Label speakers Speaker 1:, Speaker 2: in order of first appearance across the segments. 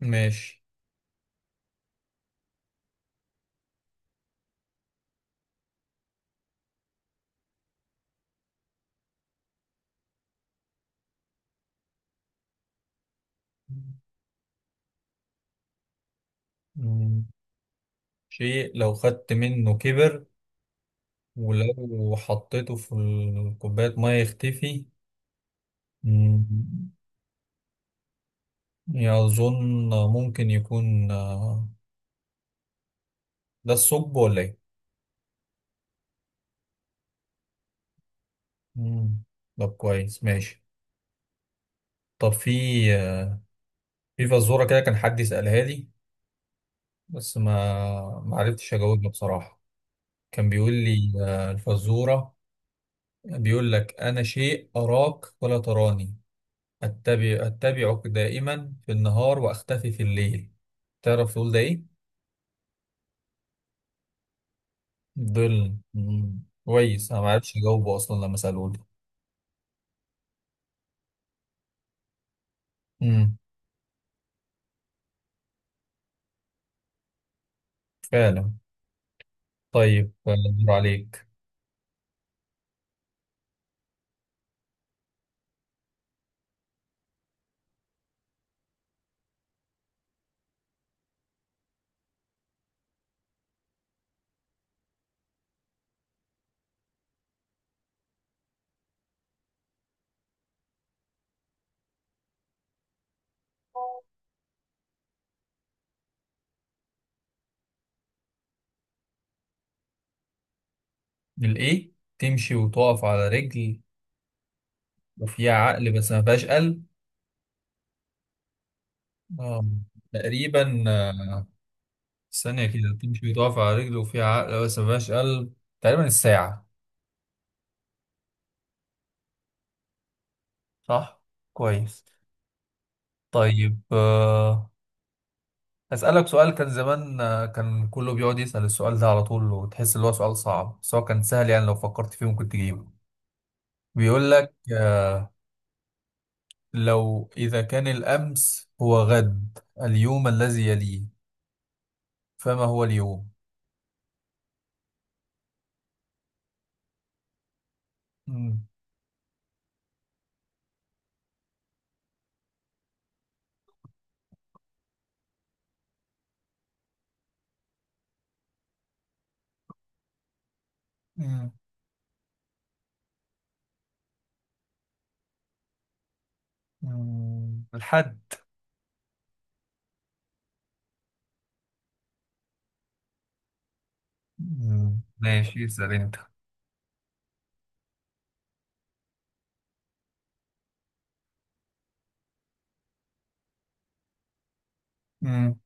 Speaker 1: ماشي. مم. شيء لو خدت منه كبر، ولو حطيته في كوباية مية يختفي. مم. يظن ممكن يكون ده الثقب ولا ايه؟ مم. طب كويس، ماشي. طب آه، في فزورة كده كان حد يسألها لي، بس ما عرفتش أجاوبها بصراحة. كان بيقول لي الفزورة بيقول لك: أنا شيء أراك ولا تراني، أتبعك دائما في النهار وأختفي في الليل. تعرف تقول ده إيه؟ ظل. مم. كويس، أنا معرفش أجاوبه أصلا لما سألوه ده. مم. فعلا. طيب أدور عليك. الإيه؟ تمشي وتقف على رجل وفيها عقل بس ما فيهاش قلب. آه. تقريبا ثانية كده، تمشي وتقف على رجل وفيها عقل بس ما فيهاش قلب. تقريبا الساعة. صح؟ كويس. طيب أسألك سؤال كان زمان كان كله بيقعد يسأل السؤال ده على طول، وتحس إن هو سؤال صعب بس هو كان سهل يعني، لو فكرت فيه ممكن تجيبه. بيقول لك: لو إذا كان الأمس هو غد اليوم الذي يليه، فما هو اليوم؟ مم. مم. مم. الحد. مم. ماشي، اسأل أنت. مم.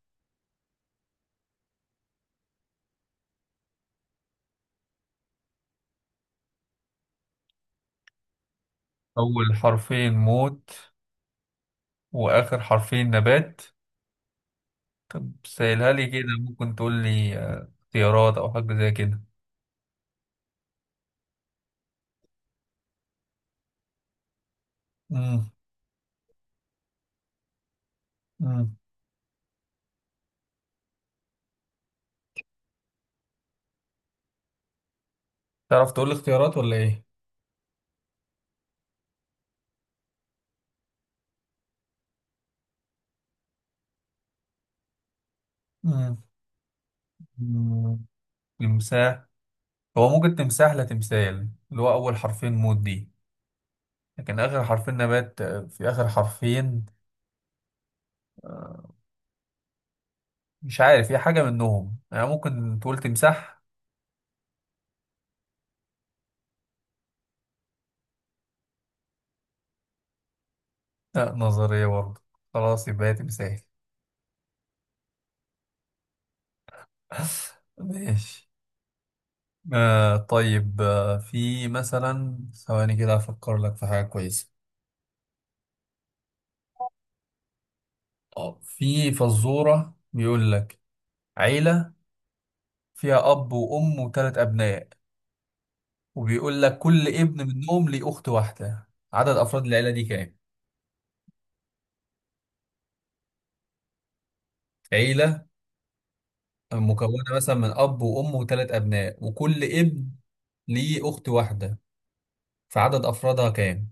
Speaker 1: أول حرفين موت وآخر حرفين نبات. سهلها لي كده، ممكن تقول لي اختيارات أو حاجة زي كده. مم. مم. تعرف تقول لي اختيارات ولا ايه؟ مم. مم. تمساح. هو ممكن تمساح، لا تمثال، اللي هو اول حرفين موت دي، لكن اخر حرفين نبات في اخر حرفين. مش عارف هي حاجه منهم، يعني ممكن تقول تمساح. لا، نظريه برضه. خلاص يبقى هي تمثال. ماشي. آه طيب، في مثلا ثواني كده افكر لك في حاجه كويسه. في فزوره بيقول لك: عيله فيها اب وام وثلاث ابناء، وبيقول لك كل ابن منهم ليه أخت واحدة. عدد أفراد العيلة دي كام؟ عيلة مكونة مثلا من أب وأم وثلاث أبناء، وكل ابن ليه أخت واحدة. فعدد أفرادها كام؟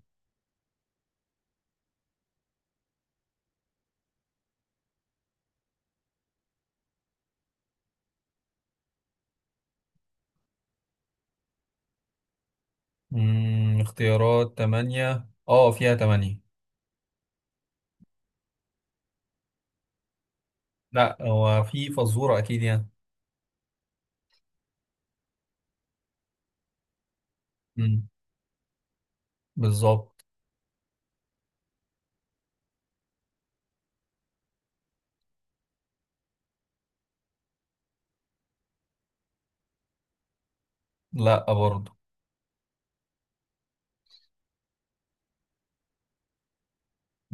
Speaker 1: مم، اختيارات تمانية. اه، فيها تمانية. لا، هو في فزورة أكيد يعني. مم. بالظبط. لا، برضه.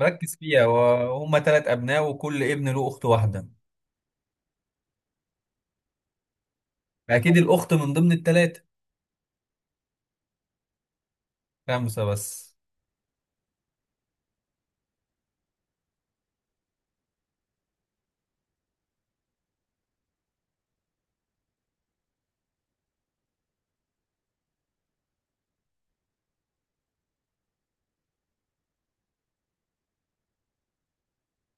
Speaker 1: ركز فيها، وهم تلات أبناء وكل ابن له أخت واحدة. أكيد الأخت من ضمن التلاتة. خمسة بس.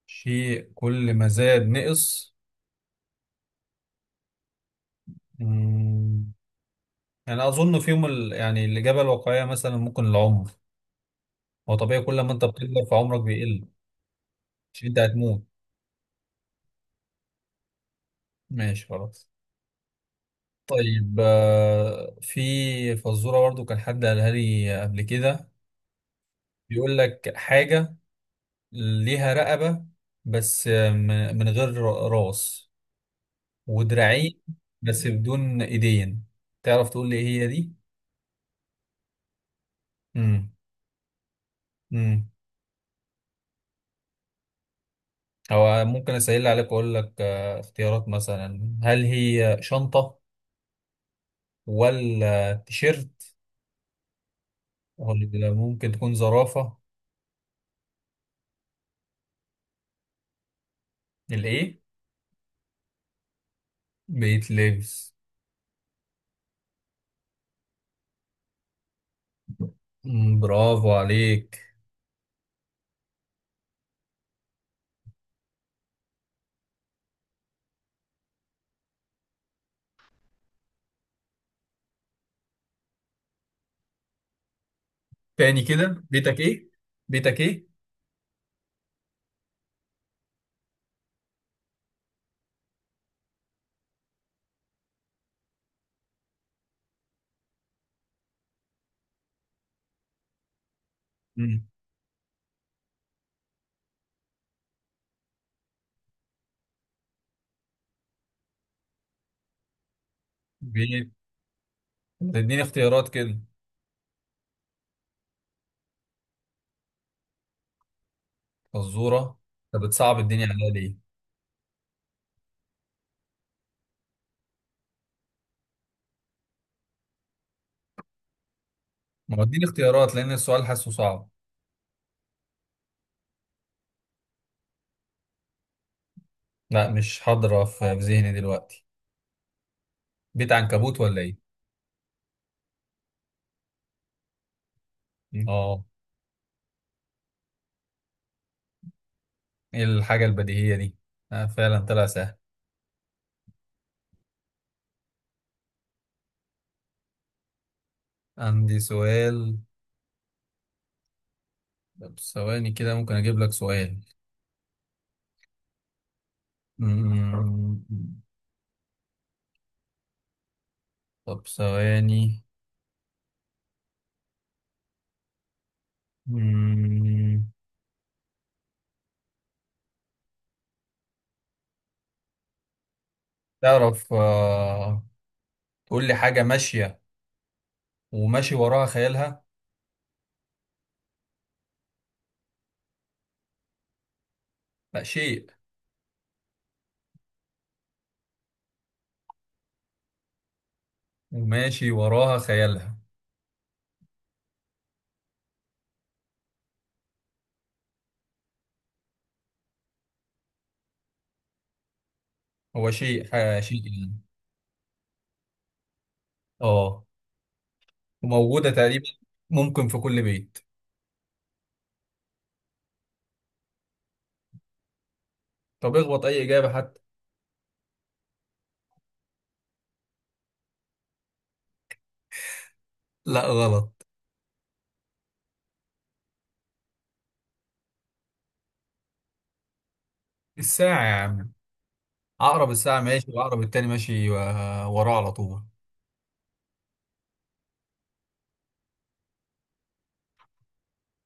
Speaker 1: شيء كل ما زاد نقص. مم. يعني اظن فيهم ال... يعني الاجابه الواقعيه مثلا ممكن العمر. هو طبيعي، كل ما انت بتكبر في عمرك بيقل. مش انت هتموت. ماشي، خلاص. طيب في فزوره برضو كان حد قالها لي قبل كده. بيقول لك حاجه ليها رقبه بس، من غير راس ودراعين، بس بدون ايدين. تعرف تقول لي ايه هي دي؟ امم أو ممكن أسهل عليك وأقول لك اختيارات، مثلا هل هي شنطة ولا تيشيرت ولا ممكن تكون زرافة؟ الإيه؟ بيت لبس. برافو عليك. تاني كده، بيتك إيه؟ بيتك إيه؟ مم. بيت. تديني اختيارات كده؟ فزورة. أنت بتصعب الدنيا عليا ليه؟ ما هو اديني اختيارات لأن السؤال حاسه صعب. لا، مش حاضرة في ذهني دلوقتي. بيت عنكبوت ولا إيه؟ مم. آه. إيه الحاجة البديهية دي؟ فعلا طلع سهل. عندي سؤال. طب ثواني كده، ممكن أجيب لك سؤال. مم. طب ثواني. مم. تعرف تقول لي حاجة ماشية وماشي وراها خيالها؟ لا، شيء. وماشي وراها خيالها. هو شيء، شيء يعني. اه. وموجودة تقريبا، ممكن في كل بيت. طب اخبط أي إجابة حتى. لا، غلط. الساعة يا عم. عقرب الساعة ماشي وعقرب التاني ماشي وراه على طول.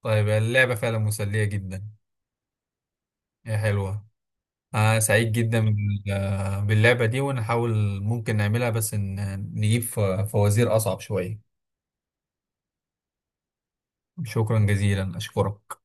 Speaker 1: طيب اللعبة فعلا مسلية جدا. هي حلوة. أنا سعيد جدا باللعبة دي، ونحاول ممكن نعملها، بس إن نجيب فوازير أصعب شوية. شكرا جزيلا، أشكرك.